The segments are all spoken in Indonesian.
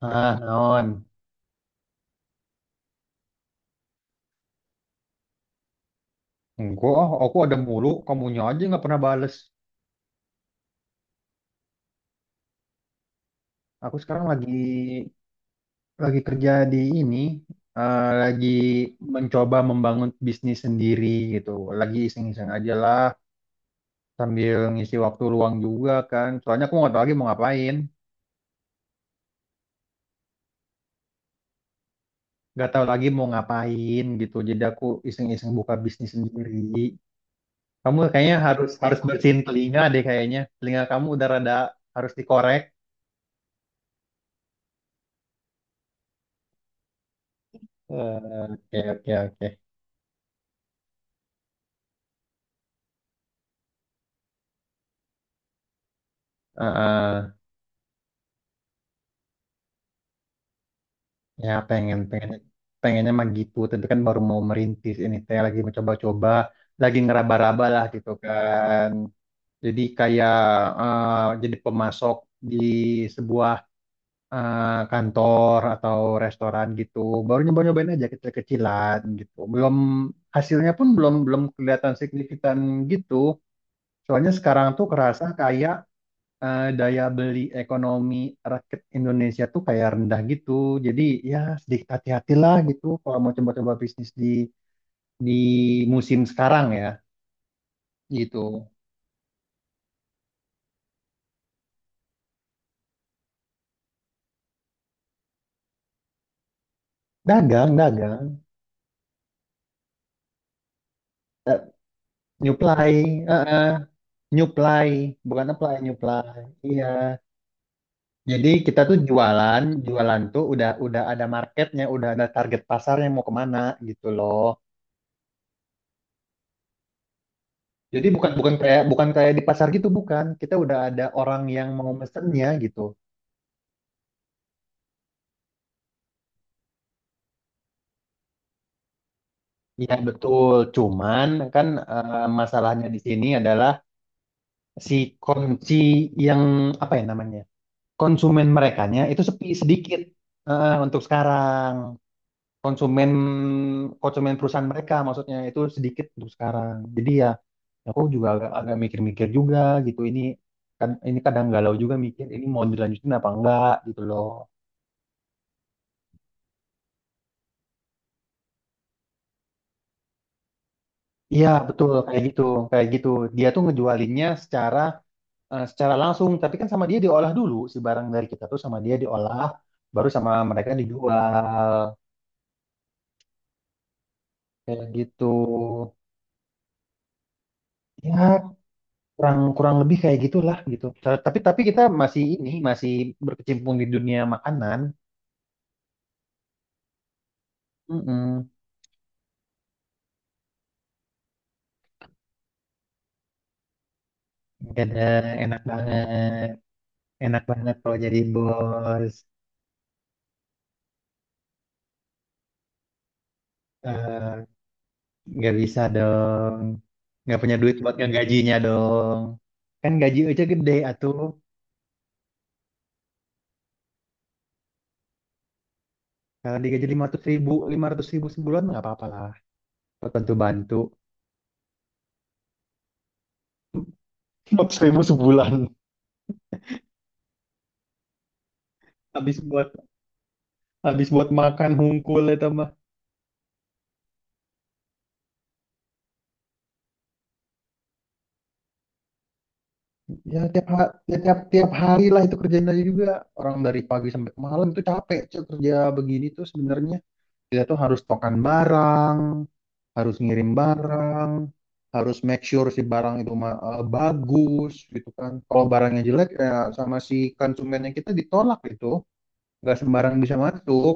Ah, naon. Enggak, aku ada mulu, kamunya aja nggak pernah bales. Aku sekarang lagi kerja di ini, lagi mencoba membangun bisnis sendiri gitu. Lagi iseng-iseng aja lah, sambil ngisi waktu luang juga kan. Soalnya aku nggak tahu lagi mau ngapain, nggak tahu lagi mau ngapain gitu. Jadi aku iseng-iseng buka bisnis sendiri. Kamu kayaknya harus harus bersihin telinga deh kayaknya. Telinga kamu udah rada harus dikorek. Eh, oke, oke, oke. Heeh. Ya pengen pengen pengennya mah gitu, tapi kan baru mau merintis ini teh lagi mencoba-coba, lagi ngeraba-raba lah gitu kan. Jadi kayak jadi pemasok di sebuah eh, kantor atau restoran gitu. Baru nyoba-nyobain aja kecil-kecilan gitu. Belum hasilnya pun belum belum kelihatan signifikan gitu. Soalnya sekarang tuh kerasa kayak daya beli ekonomi rakyat Indonesia tuh kayak rendah gitu. Jadi ya sedikit hati-hatilah gitu kalau mau coba-coba bisnis di musim sekarang ya gitu. Dagang, dagang, nyuplai, eh, eh, nyuplai, bukan apply, nyuplai. Iya. Jadi kita tuh jualan, jualan tuh udah ada marketnya, udah ada target pasarnya mau kemana gitu loh. Jadi bukan bukan kayak bukan kayak di pasar gitu bukan. Kita udah ada orang yang mau mesennya gitu. Iya betul, cuman kan masalahnya di sini adalah si kunci yang apa ya namanya konsumen merekanya itu sepi sedikit untuk sekarang, konsumen konsumen perusahaan mereka maksudnya itu sedikit untuk sekarang. Jadi ya aku juga agak agak mikir-mikir juga gitu, ini kan ini kadang galau juga mikir ini mau dilanjutin apa enggak gitu loh. Iya betul kayak gitu kayak gitu, dia tuh ngejualinnya secara langsung, tapi kan sama dia diolah dulu si barang dari kita tuh sama dia diolah, baru sama mereka dijual kayak gitu. Ya kurang kurang lebih kayak gitulah gitu. Tapi kita masih ini masih berkecimpung di dunia makanan. Mm-mm. Gak ada enak banget, enak banget kalau jadi bos. Eh, nggak bisa dong, nggak punya duit buat ngegajinya dong. Kan gaji aja gede atuh. Kalau digaji 500 ribu, 500 ribu sebulan nggak apa-apa lah. Buat bantu-bantu. 4 ribu sebulan. Habis buat habis buat makan hungkul itu mah. Ya ya, tiap tiap hari lah itu kerjain aja juga. Orang dari pagi sampai malam itu capek, Cuk, kerja begini tuh sebenarnya. Kita tuh harus tokan barang, harus ngirim barang, harus make sure si barang itu bagus gitu kan. Kalau barangnya jelek, ya sama si konsumennya kita ditolak itu. Nggak sembarang bisa masuk.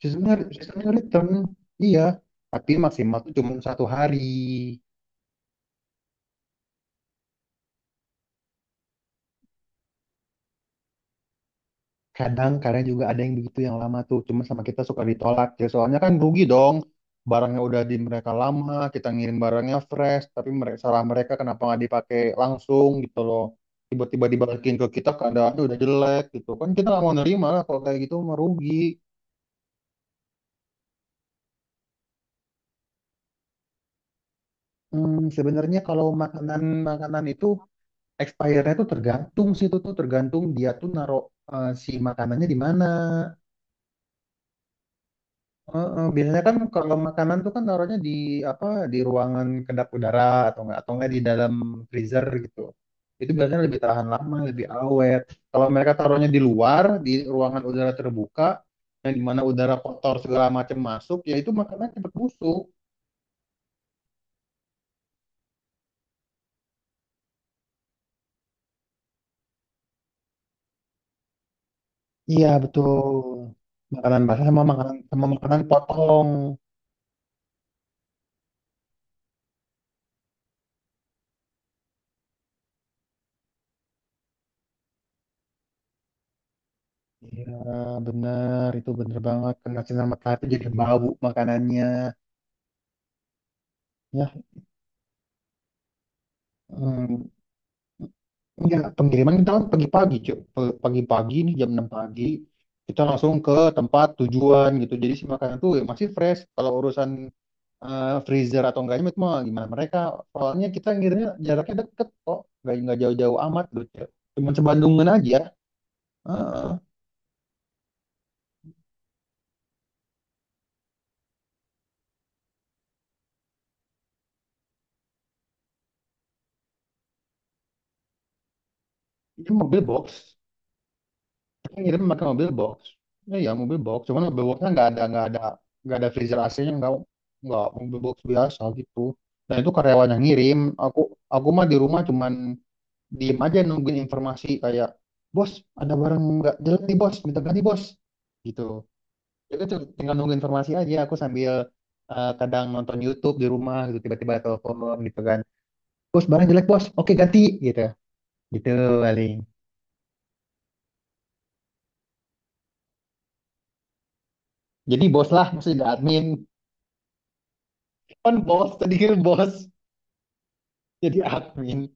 Seasonnya, seasonnya return, iya. Tapi maksimal tuh cuma 1 hari. Kadang-kadang juga ada yang begitu yang lama tuh. Cuma sama kita suka ditolak. Ya, soalnya kan rugi dong. Barangnya udah di mereka lama, kita ngirim barangnya fresh. Tapi mereka, salah mereka kenapa nggak dipakai langsung gitu loh. Tiba-tiba dibalikin ke kita keadaannya udah jelek gitu. Kan kita nggak mau nerima lah kalau kayak gitu, merugi. Hmm, sebenarnya kalau makanan makanan itu expire-nya tuh tergantung sih, itu tuh tergantung dia tuh naruh si makanannya di mana. Heeh, biasanya kan kalau makanan tuh kan naruhnya di apa, di ruangan kedap udara atau enggak di dalam freezer gitu. Itu biasanya lebih tahan lama, lebih awet. Kalau mereka taruhnya di luar, di ruangan udara terbuka, yang dimana udara kotor segala macam masuk, ya itu makanan cepet busuk. Iya, betul. Makanan basah sama makanan potong. Iya, benar. Itu bener banget. Kena sinar matahari itu jadi bau makanannya. Ya, em, enggak. Pengiriman kita kan pagi-pagi, Cuk. Pagi-pagi nih jam 6 pagi, kita langsung ke tempat tujuan gitu. Jadi si makanan tuh ya masih fresh. Kalau urusan freezer atau enggaknya itu mah gimana mereka. Soalnya kita ngirimnya jaraknya deket kok. Enggak jauh-jauh amat gitu, Cuk. Cuman sebandungan aja. Heeh. Itu mobil box. Kan ngirim pakai mobil box. Ya, ya mobil box. Cuman mobil boxnya nggak ada freezer AC-nya, nggak mobil box biasa gitu. Dan itu karyawan yang ngirim. Aku aku mah di rumah cuman diem aja nungguin informasi kayak, bos ada barang nggak jelek nih bos minta ganti bos gitu. Jadi tuh tinggal nunggu informasi aja. Aku sambil kadang nonton YouTube di rumah gitu tiba-tiba telepon gitu kan. Bos barang jelek bos. Oke ganti gitu. Gitu paling. Jadi bos lah maksudnya admin. Kan bos tadi kan bos. Jadi admin,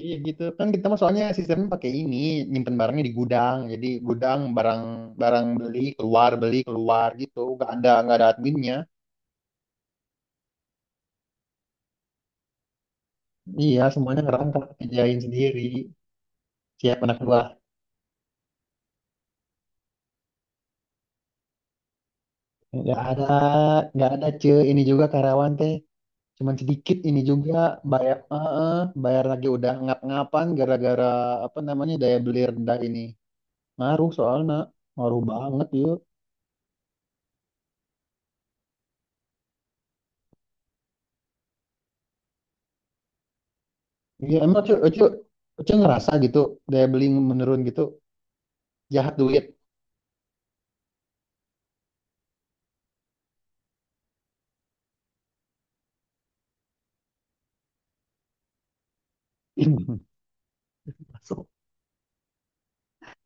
iya gitu kan, kita mah soalnya sistemnya pakai ini, nyimpen barangnya di gudang, jadi gudang barang, barang beli keluar gitu, nggak ada adminnya, iya semuanya ngerangkap kerjain sendiri, siap anak gua. Nggak ada nggak ada cuy, ini juga karyawan teh cuman sedikit, ini juga bayar eh, eh, bayar lagi udah ngap-ngapan gara-gara apa namanya daya beli rendah ini, ngaruh soalnya, ngaruh banget ya. Iya emang cu ngerasa gitu, daya beli menurun gitu, jahat duit. Masuk.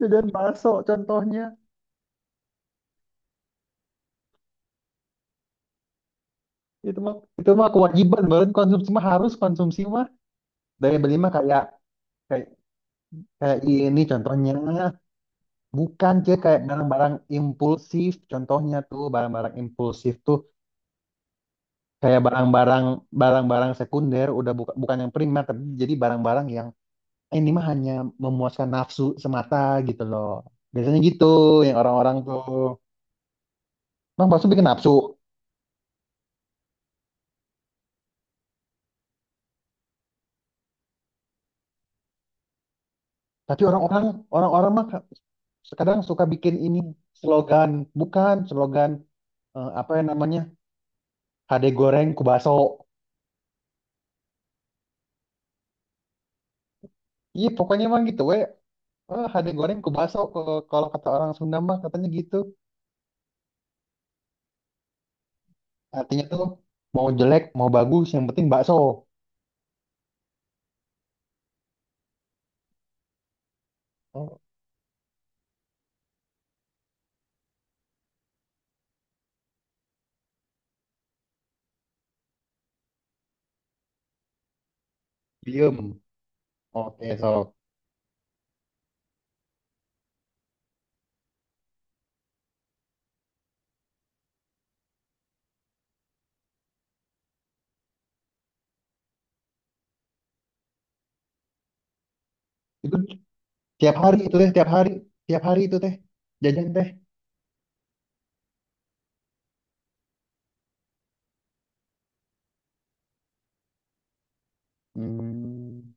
Ya, dan masuk contohnya, itu mah kewajiban banget, konsumsi mah harus konsumsi mah, daya beli mah kayak kayak kayak ini contohnya, bukan cuy kayak barang-barang impulsif, contohnya tuh barang-barang impulsif tuh kayak barang-barang sekunder, udah bukan bukan yang primer, tapi jadi barang-barang yang "Eh, ini mah hanya memuaskan nafsu semata" gitu loh, biasanya gitu yang orang-orang tuh. Emang bakso bikin nafsu. Tapi orang-orang mah kadang suka bikin ini slogan, bukan slogan, apa yang namanya, HD goreng ku baso. Iya, pokoknya emang gitu we. Eh, HD goreng ku baso, kalau kalau kata orang Sunda mah katanya gitu. Artinya tuh mau jelek, mau bagus, yang penting bakso. Oh, diem. Oke, so. Itu tiap hari itu teh, tiap hari itu teh jajan teh. Hmm,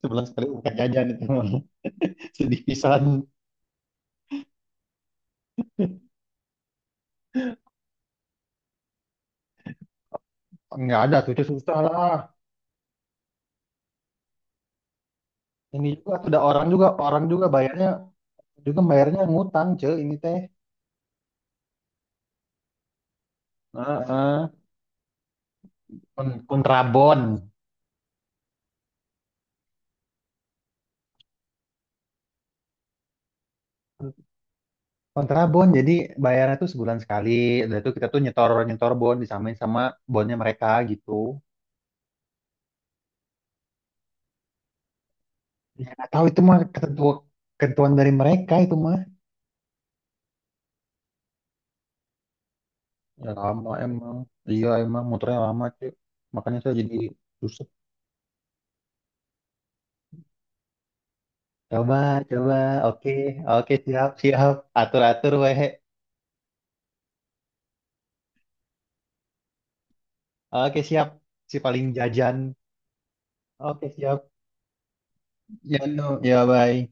sebulan sekali bukan jajan itu. Sedih pisan. Nggak ada tuh, cuy, susah lah, ini juga tuh ada orang juga bayarnya juga bayarnya ngutang, cuy, ini teh. Heeh. Kon- kontrabon kontrabon jadi bayarnya tuh sebulan sekali, udah itu kita tuh nyetor, nyetor bon disamain sama bonnya mereka gitu, ya nggak tahu itu mah ketentuan ketentuan dari mereka itu mah. Ya lama emang, iya emang motornya lama, cuy, makanya saya jadi susah. Coba coba, oke oke, siap siap, atur atur weh. Oke, siap. Si paling jajan. Oke, siap. Ya, no. Ya, bye.